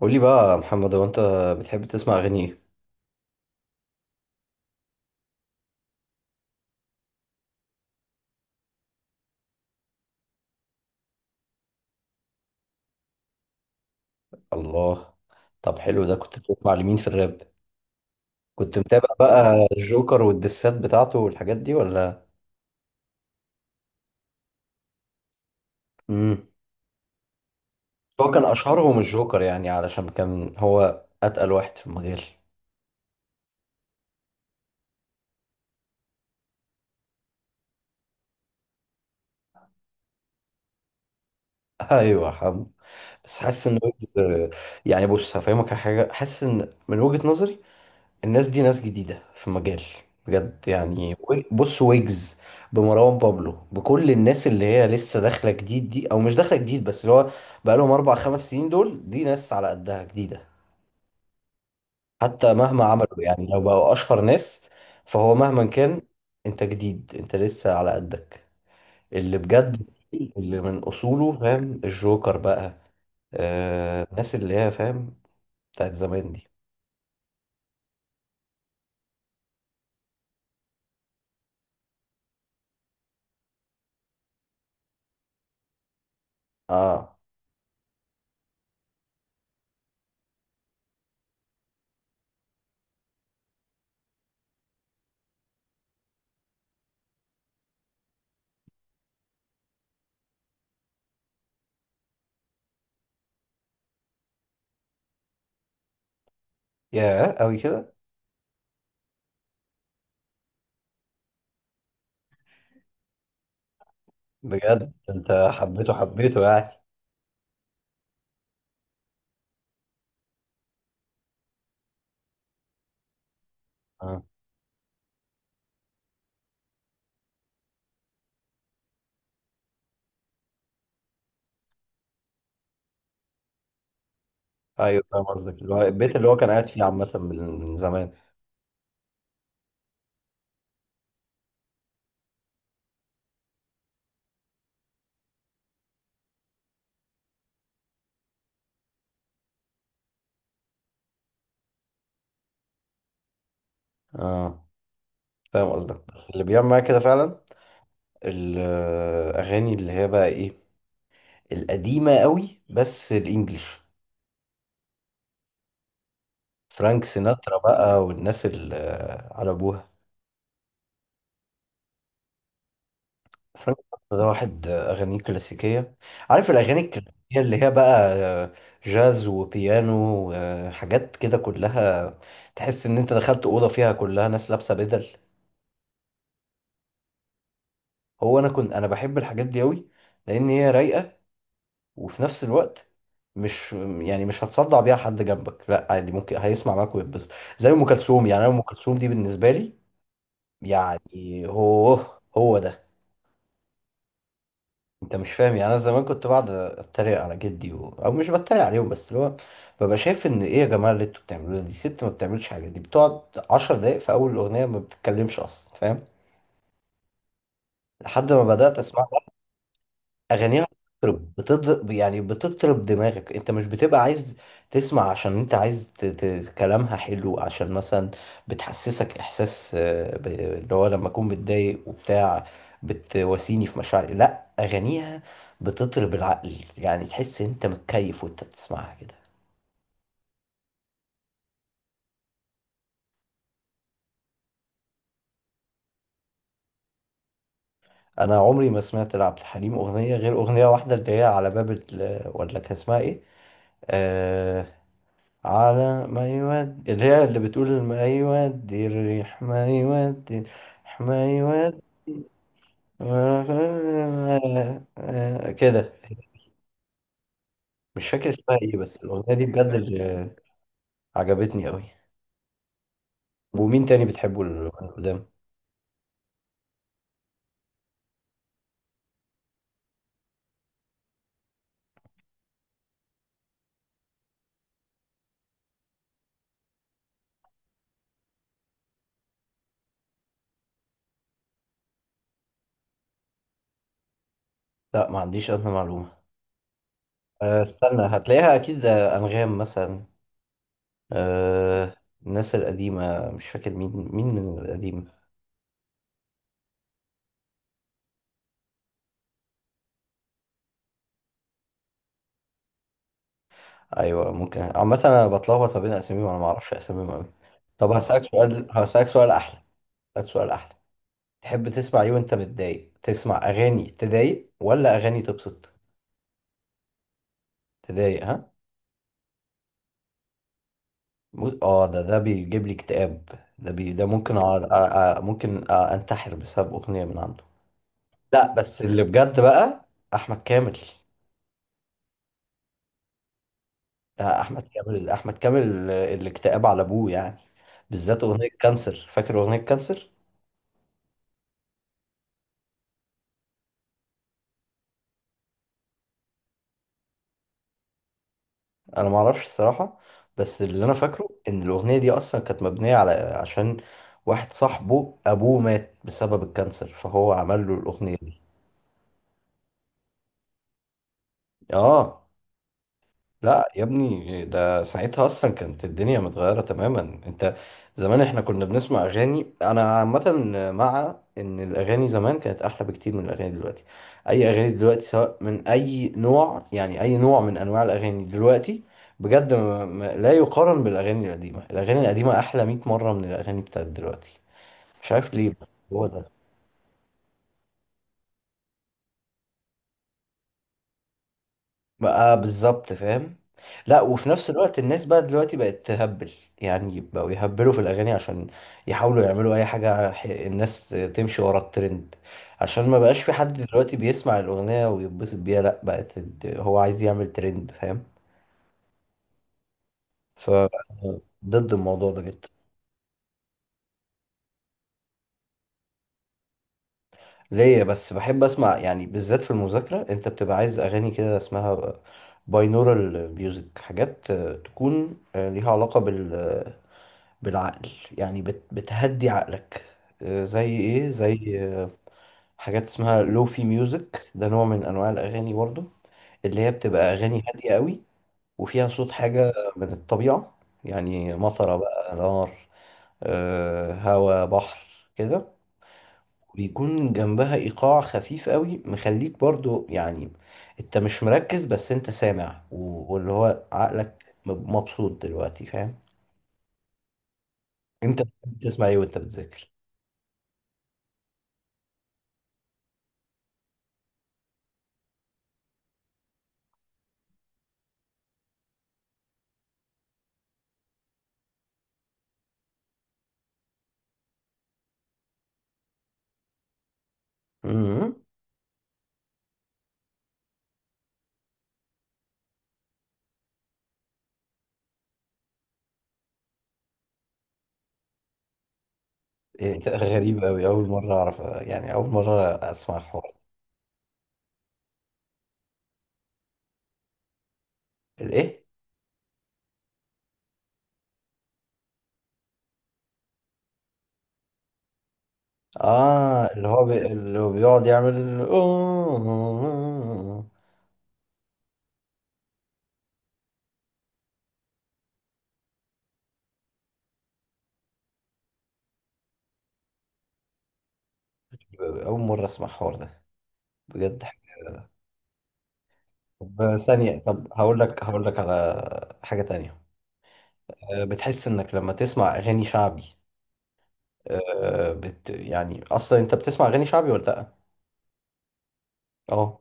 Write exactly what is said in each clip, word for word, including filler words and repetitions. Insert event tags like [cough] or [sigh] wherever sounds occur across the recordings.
قولي بقى يا محمد، هو انت بتحب تسمع اغاني ايه؟ الله. طب حلو، ده كنت بتسمع لمين في الراب؟ كنت متابع بقى الجوكر والدسات بتاعته والحاجات دي ولا؟ امم هو كان اشهرهم الجوكر يعني علشان كان هو اتقل واحد في المجال. [laughs] ايوه يا حمو، بس حاسس ان ويجز يعني. بص هفهمك على حاجه، حاسس ان من وجهه نظري الناس دي ناس جديدة في مجال، بجد يعني. وي- بص، ويجز، بمروان بابلو، بكل الناس اللي هي لسه داخلة جديد دي، أو مش داخلة جديد بس اللي هو بقالهم أربع خمس سنين. دول دي ناس على قدها جديدة، حتى مهما عملوا يعني، لو بقوا أشهر ناس، فهو مهما كان أنت جديد، أنت لسه على قدك. اللي بجد، اللي من أصوله فاهم الجوكر بقى، آه، الناس اللي هي فاهم بتاعت زمان دي. اه، يا أوي كده. بجد انت حبيته حبيته يعني. اه، ايوه فاهم قصدك، اللي هو البيت اللي هو كان قاعد فيه عامة من من زمان. اه فاهم قصدك، بس اللي بيعمل معايا كده فعلا الأغاني اللي هي بقى ايه، القديمة قوي بس الإنجليش. فرانك سيناترا بقى والناس اللي على أبوها. فرانك سيناترا ده واحد أغانيه كلاسيكية، عارف الأغاني الكلاسيكية اللي هي بقى جاز وبيانو وحاجات كده كلها، تحس إن أنت دخلت أوضة فيها كلها ناس لابسة بدل. هو انا كنت انا بحب الحاجات دي قوي، لان هي رايقه، وفي نفس الوقت مش يعني مش هتصدع بيها حد جنبك، لا عادي، ممكن هيسمع معاك ويتبسط. زي ام كلثوم، يعني انا ام كلثوم دي بالنسبه لي يعني، هو هو ده. انت مش فاهم يعني، انا زمان كنت بقعد اتريق على جدي و... او مش بتريق عليهم، بس اللي هو ببقى شايف ان ايه يا جماعه اللي انتوا بتعملوه ده؟ دي ست ما بتعملش حاجه، دي بتقعد عشر دقايق في اول الاغنيه ما بتتكلمش اصلا، فاهم؟ لحد ما بدات اسمع اغانيها، بتطرب، بتضرب يعني، بتطرب دماغك. انت مش بتبقى عايز تسمع عشان انت عايز ت... ت... كلامها حلو، عشان مثلا بتحسسك احساس آه، ب... اللي هو لما اكون متضايق وبتاع بتواسيني في مشاعري. لا، اغانيها بتطرب العقل، يعني تحس انت متكيف وانت بتسمعها كده. انا عمري ما سمعت لعبد الحليم اغنيه غير اغنيه واحده، اللي هي على باب ال... ولا كان اسمها ايه، آه... على ما يودي، اللي هي اللي بتقول ما يودي الريح، ما يودي الريح، ما يودي ما- كده. مش فاكر اسمها ايه، بس الأغنية دي بجد اللي عجبتني قوي. ومين تاني بتحبه ال- القدام؟ لا ما عنديش أدنى معلومة. أه، استنى هتلاقيها أكيد، آه، أنغام مثلا، أه، الناس القديمة، مش فاكر مين مين من القديم. أيوة ممكن، عامة أنا بتلخبط ما بين أساميهم، أنا ما أعرفش أساميهم أوي. طب هسألك سؤال هسألك سؤال أحلى. طب سؤال أحلى، تحب تسمع إيه وأنت متضايق؟ تسمع أغاني تضايق ولا أغاني تبسط؟ تضايق ها. مو- آه، ده ده بيجيب لي اكتئاب، ده بي ده ممكن أقعد- أ- أ- ممكن أ- أنتحر بسبب أغنية من عنده. لا بس اللي بجد بقى أحمد كامل. لا، أحمد كامل، أحمد كامل آه، الاكتئاب على أبوه يعني، بالذات أغنية كانسر، فاكر أغنية كانسر؟ انا ما اعرفش الصراحه، بس اللي انا فاكره ان الاغنيه دي اصلا كانت مبنيه على عشان واحد صاحبه ابوه مات بسبب الكانسر، فهو عمل له الاغنيه دي. اه. لا يا ابني، ده ساعتها اصلا كانت الدنيا متغيره تماما. انت زمان احنا كنا بنسمع اغاني انا عامه، مع ان الاغاني زمان كانت احلى بكتير من الاغاني دلوقتي. اي اغاني دلوقتي سواء من اي نوع، يعني اي نوع من انواع الاغاني دلوقتي بجد ما ما- لا يقارن بالاغاني القديمه. الاغاني القديمه احلى مئة مره من الاغاني بتاعت دلوقتي، مش عارف ليه، بس هو ده. بقى بالظبط، فاهم. لا، وفي نفس الوقت الناس بقى دلوقتي بقت تهبل، يعني بقوا يهبلوا في الأغاني عشان يحاولوا يعملوا أي حاجة، ح- الناس تمشي ورا الترند، عشان ما بقاش في حد دلوقتي بيسمع الأغنية ويتبسط بيها، لا بقت الد- هو عايز يعمل ترند، فاهم؟ ف [laughs] ضد الموضوع ده جدا. ليه بس؟ بحب أسمع يعني، بالذات في المذاكرة أنت بتبقى عايز أغاني كده، اسمها باينورال ميوزك، حاجات آه، تكون آه، ليها علاقة بالسمع، بالعقل، يعني بت بتهدي عقلك، آه، زي ايه، زي آه، حاجات اسمها لوفي ميوزك، ده نوع من انواع الاغاني برضو، اللي هي بتبقى اغاني هاديه قوي، وفيها صوت حاجه من الطبيعه، يعني مطره بقى، نار، آه، هوا، بحر كده. بيكون جنبها ايقاع خفيف قوي، مخليك برضو يعني انت مش مركز، بس انت سامع و- واللي هو عقلك مب- مبسوط دلوقتي، فاهم؟ انت بتسمع ايه وانت بتذاكر؟ مم. إيه [laughs] ده غريب أوي، أول مرة أعرف يعني، أول مرة أسمع الحوار. الإيه؟ آه، اللي هو بي... اللي هو بيقعد يعمل أوه. أول مرة أسمع الحوار ده بجد. طب ثانية، طب هقول لك هقول لك على حاجة تانية. آه، بتحس إنك لما تسمع أغاني شعبي، آه، بت... يعني أصلا أنت بتسمع أغاني شعبي ولا لأ؟ أه.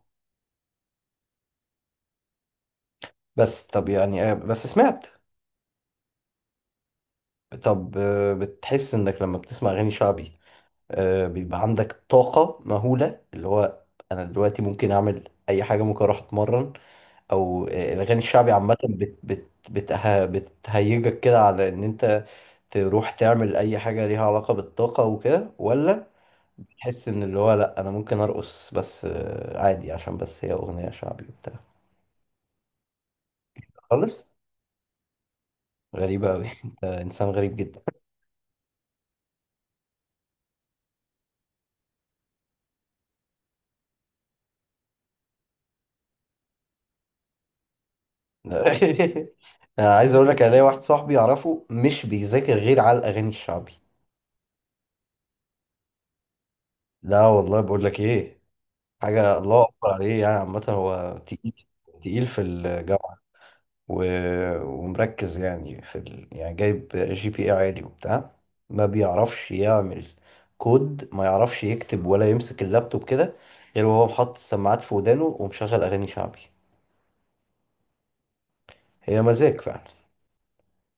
بس طب يعني آه، بس سمعت. طب آه، بتحس إنك لما بتسمع أغاني شعبي، آه، بيبقى عندك طاقة مهولة، اللي هو أنا دلوقتي ممكن أعمل أي حاجة، ممكن أروح أتمرن، أو آه، الأغاني الشعبي عامة بت بت بتها بتهيجك كده على إن أنت تروح تعمل أي حاجة ليها علاقة بالطاقة وكده، ولا تحس إن اللي هو لأ أنا ممكن أرقص بس، آه، عادي عشان بس هي أغنية شعبي وبتاع؟ خالص. غريبة أوي، [laughs] أنت إنسان غريب جدا. [laughs] أنا عايز أقول لك، أنا ليا واحد صاحبي أعرفه مش بيذاكر غير على الأغاني الشعبي. لا والله، بقول لك ايه، حاجة الله أكبر عليه، يعني عامة هو تقيل، تقيل في الجامعة، و... ومركز يعني في ال... يعني جايب جي بي اي عالي وبتاع، ما بيعرفش يعمل كود، ما يعرفش يكتب ولا يمسك اللابتوب كده غير وهو محط السماعات في ودانه ومشغل أغاني شعبي. هي مزاج فعلا.